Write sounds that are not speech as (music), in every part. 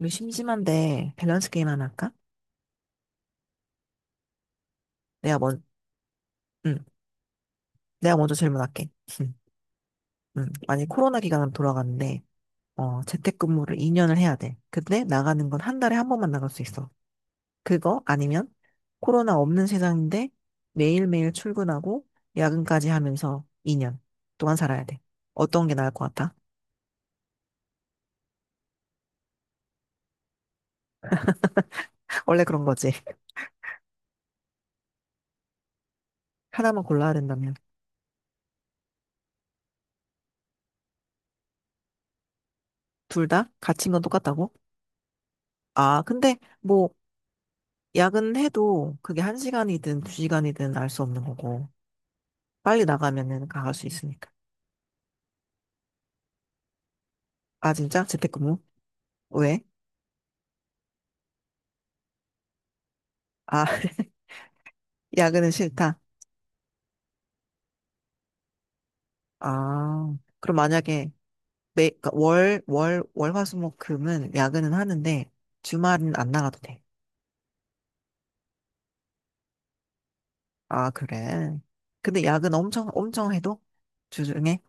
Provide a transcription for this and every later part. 우리 심심한데 밸런스 게임 하나 할까? 내가 먼, 응, 내가 먼저 질문할게. 응, 응. 만약 코로나 기간으로 돌아가는데, 재택근무를 2년을 해야 돼. 근데 나가는 건 한 달에 한 번만 나갈 수 있어. 그거 아니면 코로나 없는 세상인데 매일매일 출근하고 야근까지 하면서 2년 동안 살아야 돼. 어떤 게 나을 것 같아? (laughs) 원래 그런 거지. 하나만 골라야 된다면. 둘 다? 갇힌 건 똑같다고? 아, 근데 뭐, 야근해도 그게 1시간이든2시간이든 알 수 없는 거고. 빨리 나가면은 강할 수 있으니까. 아, 진짜? 재택근무? 왜? 아, (laughs) 야근은 싫다. 아, 그럼 만약에 그러니까 월, 화, 수, 목, 금은 야근은 하는데 주말은 안 나가도 돼. 아, 그래. 근데 야근 엄청, 엄청 해도? 주중에?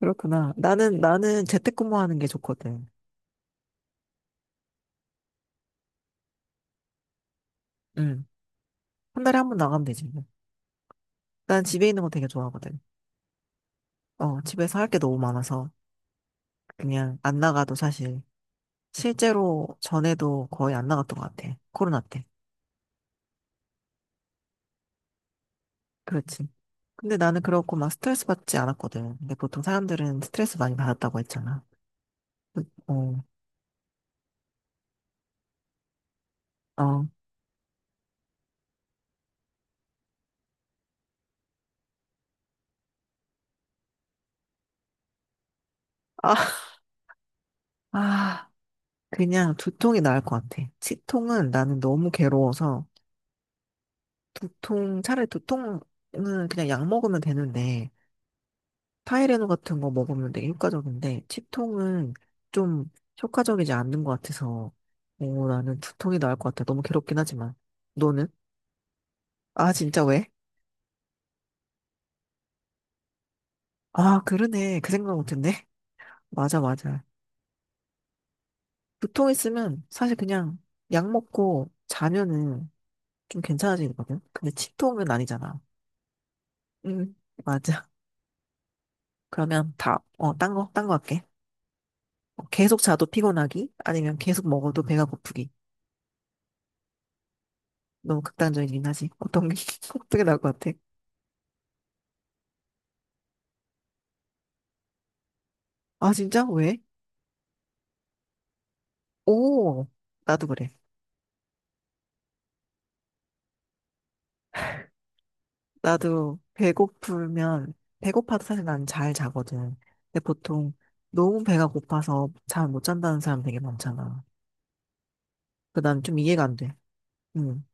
그렇구나. 나는 재택근무하는 게 좋거든. 응. 한 달에 한 번 나가면 되지. 뭐. 난 집에 있는 거 되게 좋아하거든. 집에서 할 게 너무 많아서 그냥 안 나가도 사실 실제로 전에도 거의 안 나갔던 것 같아. 코로나 때. 그렇지. 근데 나는 그렇고 막 스트레스 받지 않았거든. 근데 보통 사람들은 스트레스 많이 받았다고 했잖아. 그- 어, 어. 아, 아, 그냥 두통이 나을 것 같아. 치통은 나는 너무 괴로워서 차라리 두통은 그냥 약 먹으면 되는데 타이레놀 같은 거 먹으면 되게 효과적인데 치통은 좀 효과적이지 않는 것 같아서 오 나는 두통이 나을 것 같아. 너무 괴롭긴 하지만. 너는? 아, 진짜 왜? 아, 그러네. 그 생각 못했네. 맞아, 맞아. 두통 있으면 사실 그냥 약 먹고 자면은 좀 괜찮아지거든. 근데 치통은 아니잖아. 응, 맞아. 그러면 딴 거 할게. 계속 자도 피곤하기? 아니면 계속 먹어도 배가 고프기? 너무 극단적이긴 하지. (laughs) 어떻게 나올 것 같아? 아, 진짜? 왜? 오, 나도 그래. 나도 배고프면, 배고파도 사실 난 잘 자거든. 근데 보통 너무 배가 고파서 잘 못 잔다는 사람 되게 많잖아. 그 난 좀 이해가 안 돼. 응.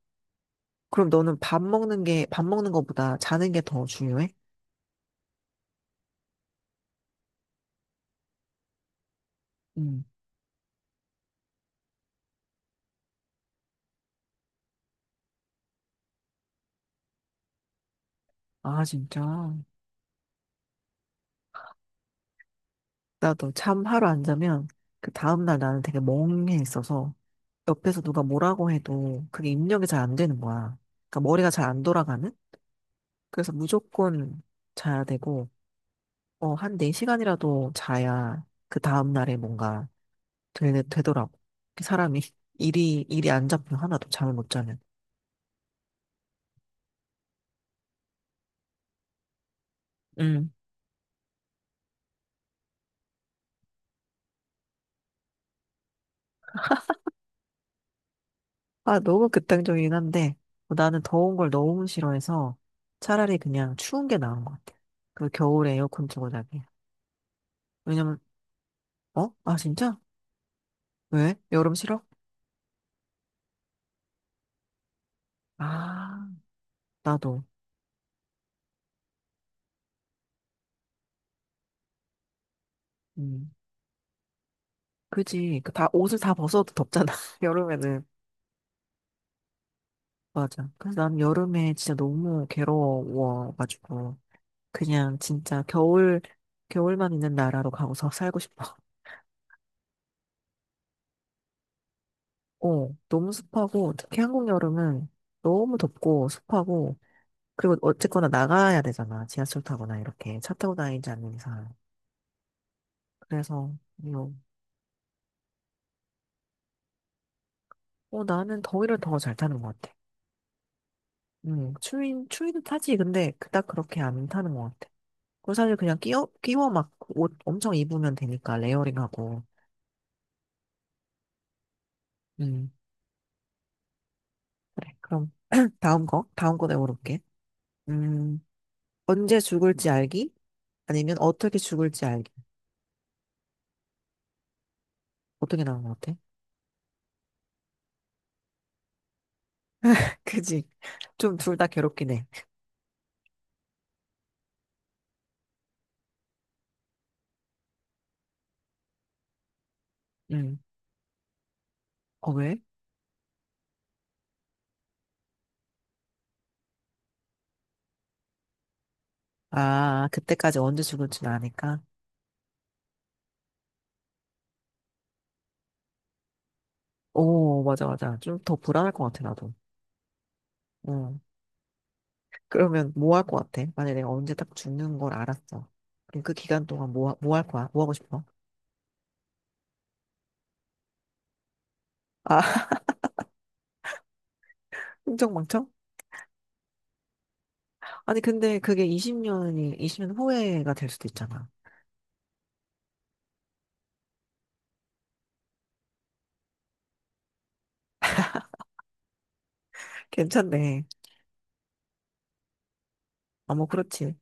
그럼 너는 밥 먹는 거보다 자는 게 더 중요해? 응. 아, 진짜. 나도 잠 하루 안 자면 그 다음날 나는 되게 멍해 있어서 옆에서 누가 뭐라고 해도 그게 입력이 잘 안 되는 거야. 그러니까 머리가 잘 안 돌아가는? 그래서 무조건 자야 되고, 한 4시간이라도 자야 그 다음날에 뭔가 되더라고. 그 사람이 (laughs) 일이 안 잡혀. 하나도 잠을 못 자면. 음. 아, 너무 극단적이긴 한데 뭐 나는 더운 걸 너무 싫어해서 차라리 그냥 추운 게 나은 것 같아. 그 겨울에 에어컨 틀고 자기. 왜냐면, 어? 아, 진짜? 왜? 여름 싫어? 아, 나도. 음. 그지. 옷을 다 벗어도 덥잖아. (laughs) 여름에는. 맞아. 그래서 난 여름에 진짜 너무 괴로워가지고. 그냥 진짜 겨울만 있는 나라로 가고서 살고 싶어. 너무 습하고, 특히 한국 여름은 너무 덥고 습하고, 그리고 어쨌거나 나가야 되잖아. 지하철 타거나 이렇게 차 타고 다니지 않는 이상. 그래서, 뭐, 나는 더위를 더 잘 타는 것 같아. 추위도 타지. 근데 그닥 그렇게 안 타는 것 같아. 그리고 사실 그냥 끼워 막 옷 엄청 입으면 되니까, 레이어링하고. 음, 그래. 그럼 (clears throat) 다음 거 내가 물어볼게. 음, 언제 죽을지 알기? 아니면 어떻게 죽을지 알기? 어떻게 나온 것 같아? (laughs) 그지? 좀 둘 다 괴롭긴 해. 응. 왜? 아, 그때까지 언제 죽을지 아니까? 오, 맞아, 맞아. 좀 더 불안할 것 같아, 나도. 응. 그러면 뭐 할 것 같아? 만약에 내가 언제 딱 죽는 걸 알았어. 그럼 그 기간 동안 뭐 할 거야? 뭐 하고 싶어? 아, (laughs) 흥청망청? 아니, 근데 그게 20년 후회가 될 수도 있잖아. 괜찮네. 아, 뭐, 그렇지.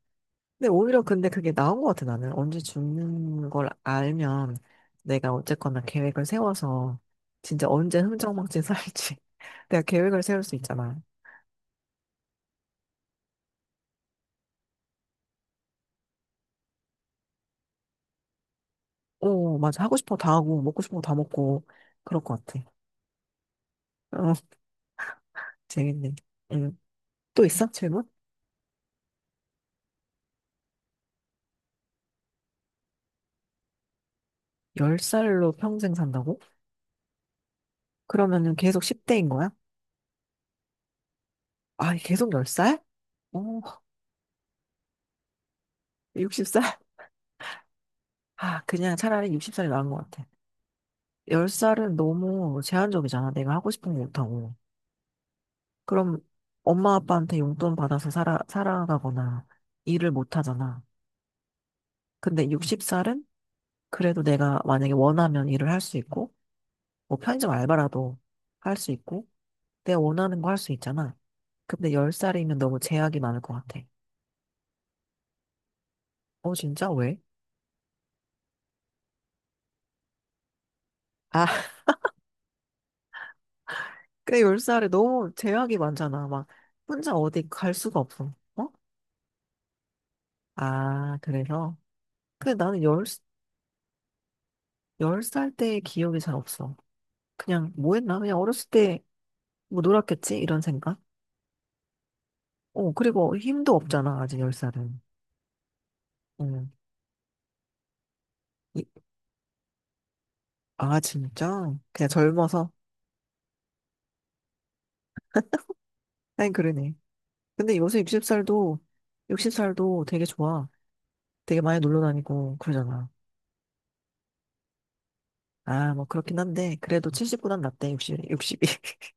근데 오히려 근데 그게 나은 것 같아, 나는. 언제 죽는 걸 알면 내가 어쨌거나 계획을 세워서 진짜 언제 흥청망청 살지. (laughs) 내가 계획을 세울 수 있잖아. 오, 맞아. 하고 싶은 거 다 하고, 먹고 싶은 거 다 먹고, 그럴 것 같아. 어, (laughs) 재밌네. 응. 또 있어? 질문? 10살로 평생 산다고? 그러면은 계속 10대인 거야? 아, 계속 10살? 오, 60살? 아, 그냥 차라리 60살이 나은 것 같아. 10살은 너무 제한적이잖아. 내가 하고 싶은 거 못하고. 그럼 엄마 아빠한테 용돈 받아서 살아가거나 일을 못 하잖아. 근데 60살은 그래도 내가 만약에 원하면 일을 할 수 있고, 뭐 편의점 알바라도 할 수 있고, 내가 원하는 거 할 수 있잖아. 근데 10살이면 너무 제약이 많을 것 같아. 어, 진짜? 왜? 아, (laughs) 근데 10살에 너무 제약이 많잖아. 막 혼자 어디 갈 수가 없어. 어? 아, 그래서. 근데 나는 열열 10살 때의 기억이 잘 없어. 그냥 뭐 했나? 그냥 어렸을 때 뭐 놀았겠지? 이런 생각? 그리고 힘도 없잖아, 아직 10살은. 응. 이- 아, 진짜? 그냥 젊어서? 하긴 그러네. 근데 요새 60살도 되게 좋아. 되게 많이 놀러 다니고 그러잖아. 아, 뭐 그렇긴 한데, 그래도 70보단 낫대, 육십이 (laughs)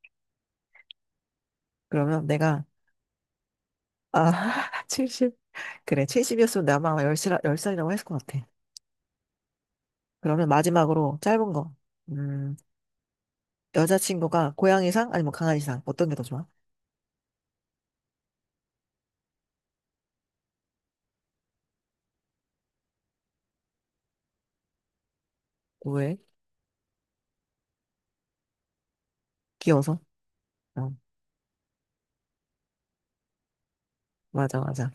그러면 내가, 아, (laughs) 70. 그래, 70이었으면 내가 아마 10살, 10살이라고 했을 것 같아. 그러면 마지막으로 짧은 거. 음, 여자친구가 고양이상? 아니면 강아지상? 어떤 게 더 좋아? 왜? 귀여워서? 어, 맞아, 맞아.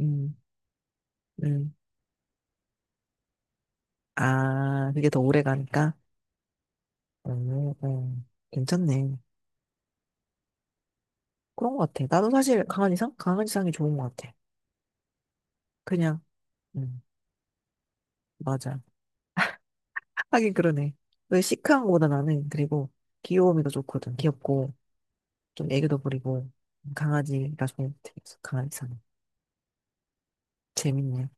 음. 음. 아, 그게 더 오래 가니까? 괜찮네. 그런 것 같아. 나도 사실 강아지상? 강아지상이 좋은 것 같아. 그냥, 음, 맞아. 하긴 그러네. 왜 시크한 거보다 그리고 귀여움이 더 좋거든. 귀엽고, 좀 애교도 부리고, 강아지가 좋은 것 같아. 강아지상. 재밌네.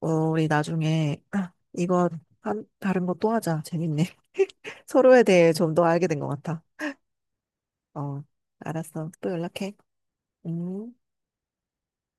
우리 나중에, (clears throat) 아, 다른 거 또 하자. 재밌네. (laughs) 서로에 대해 좀 더 알게 된 것 같아. 어, 알았어. 또 연락해. 음.